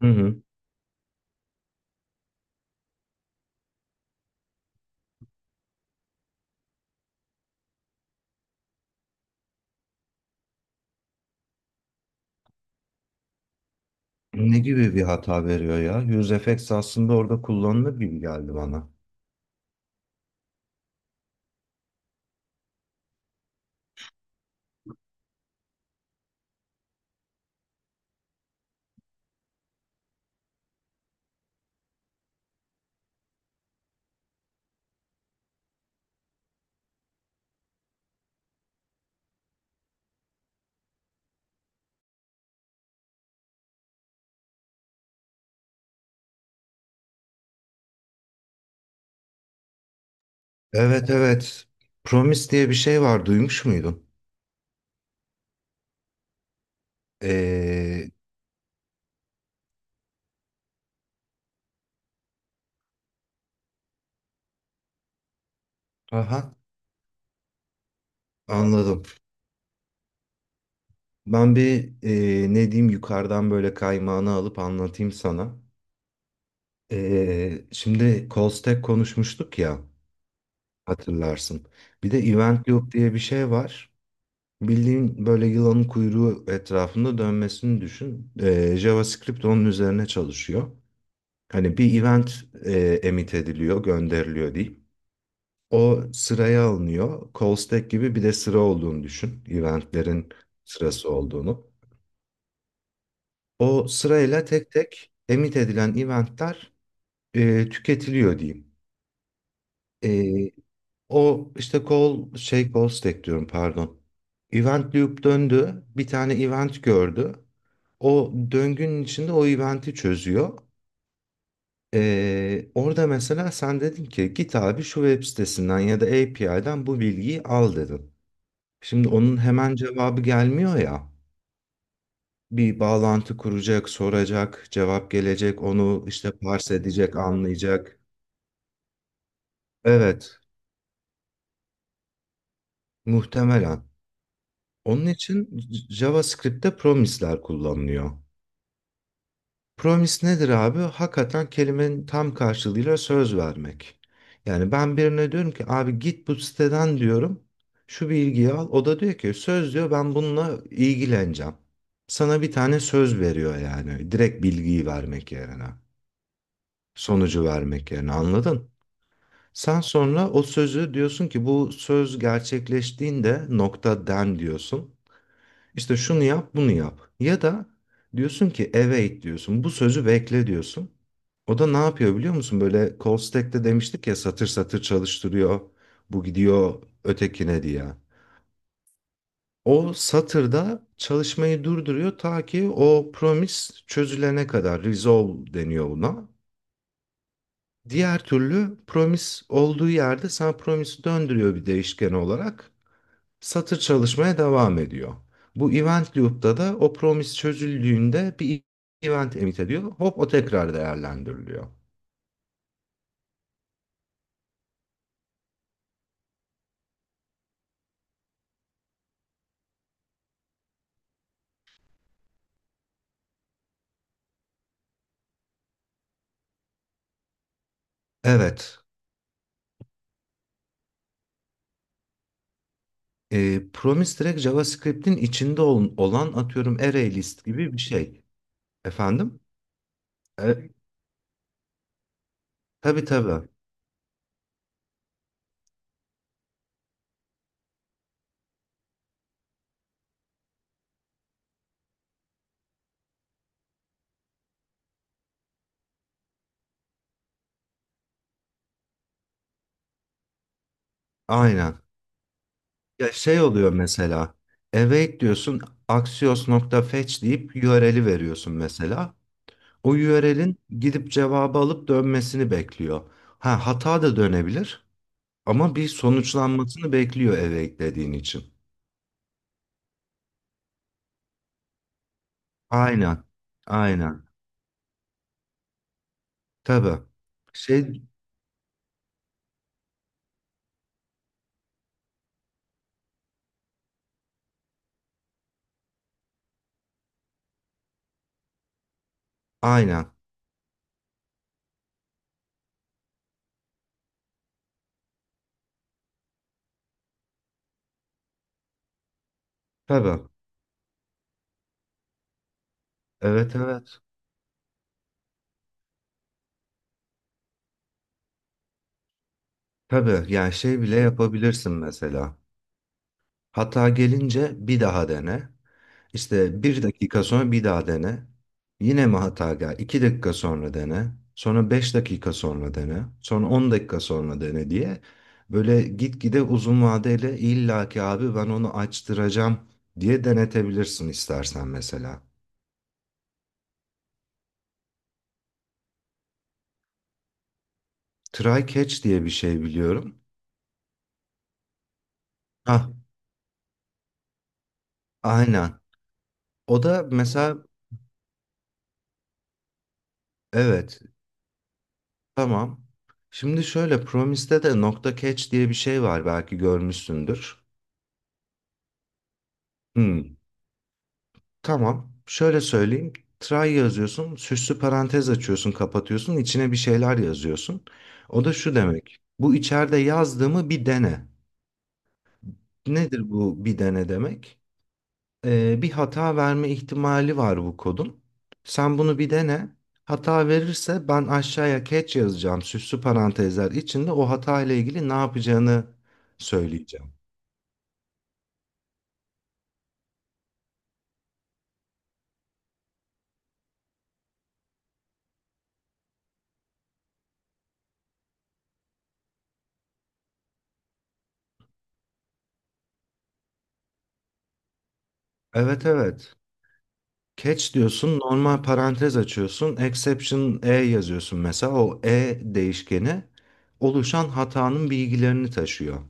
Hı hı. Ne gibi bir hata veriyor ya? HughesFX aslında orada kullanılır gibi geldi bana. Evet evet. Promise diye bir şey var. Duymuş muydun? Ee, aha anladım. Ben bir ne diyeyim yukarıdan böyle kaymağını alıp anlatayım sana. Şimdi call stack konuşmuştuk ya hatırlarsın. Bir de event loop diye bir şey var. Bildiğin böyle yılanın kuyruğu etrafında dönmesini düşün. JavaScript onun üzerine çalışıyor. Hani bir event emit ediliyor, gönderiliyor diyeyim. O sıraya alınıyor. Call stack gibi bir de sıra olduğunu düşün. Eventlerin sırası olduğunu. O sırayla tek tek emit edilen eventler tüketiliyor diyeyim. E, o işte call stack diyorum pardon. Event loop döndü. Bir tane event gördü. O döngünün içinde o eventi çözüyor. Orada mesela sen dedin ki git abi şu web sitesinden ya da API'den bu bilgiyi al dedin. Şimdi onun hemen cevabı gelmiyor ya. Bir bağlantı kuracak, soracak, cevap gelecek, onu işte parse edecek, anlayacak. Evet, muhtemelen. Onun için JavaScript'te promisler kullanılıyor. Promise nedir abi? Hakikaten kelimenin tam karşılığıyla söz vermek. Yani ben birine diyorum ki abi git bu siteden diyorum. Şu bilgiyi al. O da diyor ki söz diyor ben bununla ilgileneceğim. Sana bir tane söz veriyor yani. Direkt bilgiyi vermek yerine. Sonucu vermek yerine anladın? Sen sonra o sözü diyorsun ki bu söz gerçekleştiğinde nokta den diyorsun. İşte şunu yap, bunu yap. Ya da diyorsun ki await diyorsun. Bu sözü bekle diyorsun. O da ne yapıyor biliyor musun? Böyle call stack'te demiştik ya satır satır çalıştırıyor. Bu gidiyor ötekine diye. O satırda çalışmayı durduruyor ta ki o promise çözülene kadar. Resolve deniyor buna. Diğer türlü promise olduğu yerde sana promise'i döndürüyor bir değişken olarak. Satır çalışmaya devam ediyor. Bu event loop'ta da o promise çözüldüğünde bir event emit ediyor. Hop o tekrar değerlendiriliyor. Evet. Promise direkt JavaScript'in içinde olan atıyorum array list gibi bir şey. Efendim? E, tabii tabii. Aynen. Ya şey oluyor mesela. Await diyorsun axios.fetch deyip URL'i veriyorsun mesela. O URL'in gidip cevabı alıp dönmesini bekliyor. Ha hata da dönebilir. Ama bir sonuçlanmasını bekliyor eve eklediğin için. Aynen. Aynen. Tabii. Şey aynen. Tabii. Evet evet. Tabii. Yani şey bile yapabilirsin mesela. Hata gelince bir daha dene. İşte bir dakika sonra bir daha dene. Yine mi hata gel? İki dakika sonra dene. Sonra beş dakika sonra dene. Sonra on dakika sonra dene diye. Böyle gitgide uzun vadeli illaki abi ben onu açtıracağım diye denetebilirsin istersen mesela. Try catch diye bir şey biliyorum. Hah, aynen. O da mesela evet tamam. Şimdi şöyle Promise'de de nokta catch diye bir şey var belki görmüşsündür. Hmm, tamam. Şöyle söyleyeyim. Try yazıyorsun, süslü parantez açıyorsun, kapatıyorsun, içine bir şeyler yazıyorsun. O da şu demek. Bu içeride yazdığımı bir dene. Nedir bu bir dene demek? Bir hata verme ihtimali var bu kodun. Sen bunu bir dene. Hata verirse ben aşağıya catch yazacağım. Süslü parantezler içinde o hata ile ilgili ne yapacağını söyleyeceğim. Evet evet. Catch diyorsun, normal parantez açıyorsun, exception e yazıyorsun mesela. O e değişkeni oluşan hatanın bilgilerini taşıyor.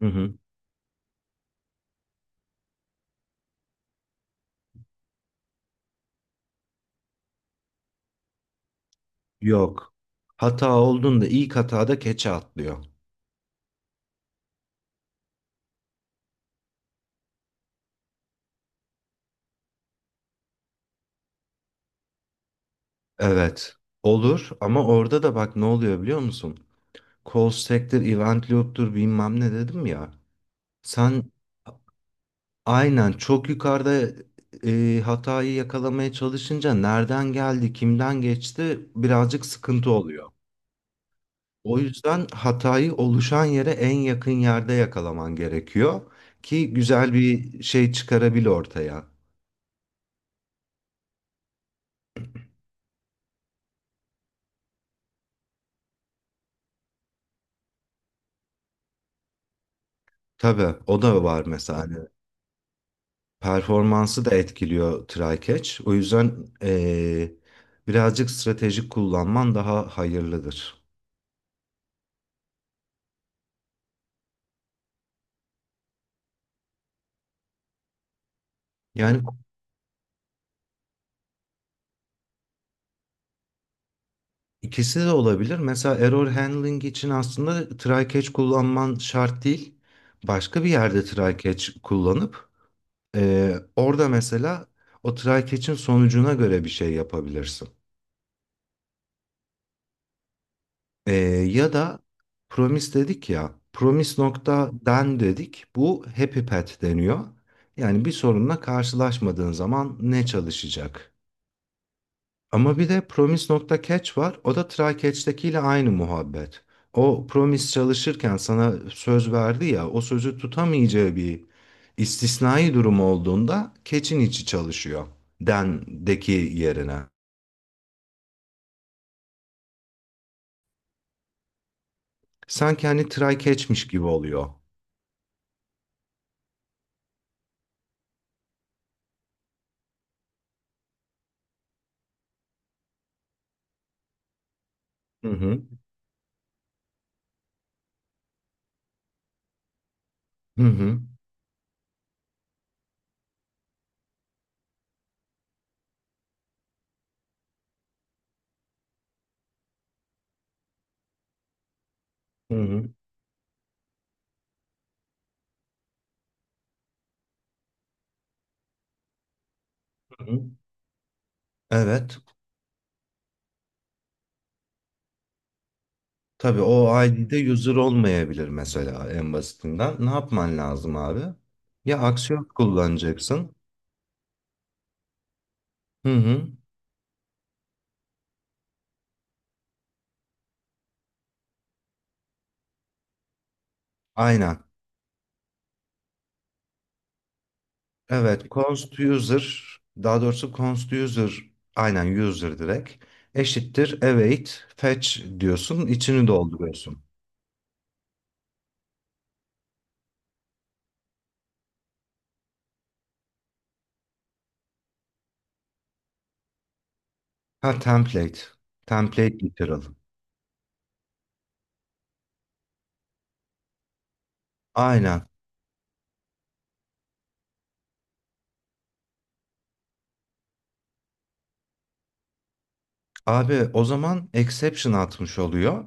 Hı hı. Yok. Hata olduğunda ilk hatada keçe atlıyor. Evet. Olur ama orada da bak ne oluyor biliyor musun? Call stack'tir, event loop'tur bilmem ne dedim ya. Sen aynen çok yukarıda hatayı yakalamaya çalışınca nereden geldi, kimden geçti birazcık sıkıntı oluyor. O yüzden hatayı oluşan yere en yakın yerde yakalaman gerekiyor ki güzel bir şey çıkarabil ortaya. Tabii o da var mesela. Hani performansı da etkiliyor try catch. O yüzden birazcık stratejik kullanman daha hayırlıdır. Yani ikisi de olabilir. Mesela error handling için aslında try catch kullanman şart değil. Başka bir yerde try catch kullanıp. Orada mesela o try catch'in sonucuna göre bir şey yapabilirsin. Ee, ya da promise dedik ya, promise nokta den dedik. Bu happy path deniyor. Yani bir sorunla karşılaşmadığın zaman ne çalışacak? Ama bir de promise nokta catch var. O da try catch'tekiyle aynı muhabbet. O promise çalışırken sana söz verdi ya, o sözü tutamayacağı bir istisnai durum olduğunda catch'in içi çalışıyor den'deki yerine. Sanki hani try catch'miş gibi oluyor. Hı hı. Hı hı. Hı hı. Hı hı. Evet. Tabii o ID'de user olmayabilir mesela en basitinden. Ne yapman lazım abi? Ya aksiyon kullanacaksın. Hı hı. Aynen. Evet. Const user daha doğrusu const user aynen user direkt eşittir await fetch diyorsun. İçini dolduruyorsun. Ha template. Template literal. Aynen. Abi o zaman exception atmış oluyor.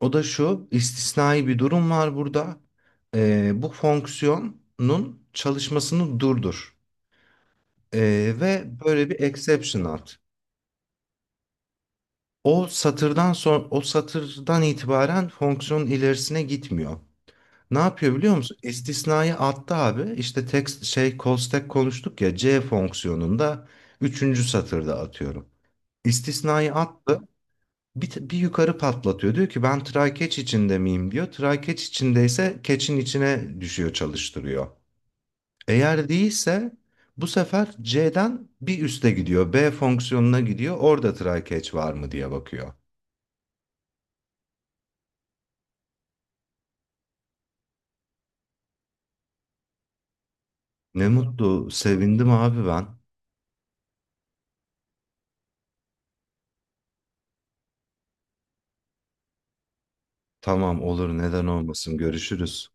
O da şu istisnai bir durum var burada. Bu fonksiyonun çalışmasını durdur. Ve böyle bir exception at. O satırdan itibaren fonksiyonun ilerisine gitmiyor. Ne yapıyor biliyor musun? İstisnayı attı abi. İşte text şey call stack konuştuk ya C fonksiyonunda üçüncü satırda atıyorum. İstisnayı attı. Bir yukarı patlatıyor. Diyor ki ben try-catch içinde miyim diyor. Try-catch içindeyse catch'in içine düşüyor çalıştırıyor. Eğer değilse bu sefer C'den bir üste gidiyor. B fonksiyonuna gidiyor. Orada try-catch var mı diye bakıyor. Ne mutlu, sevindim abi ben. Tamam olur neden olmasın görüşürüz.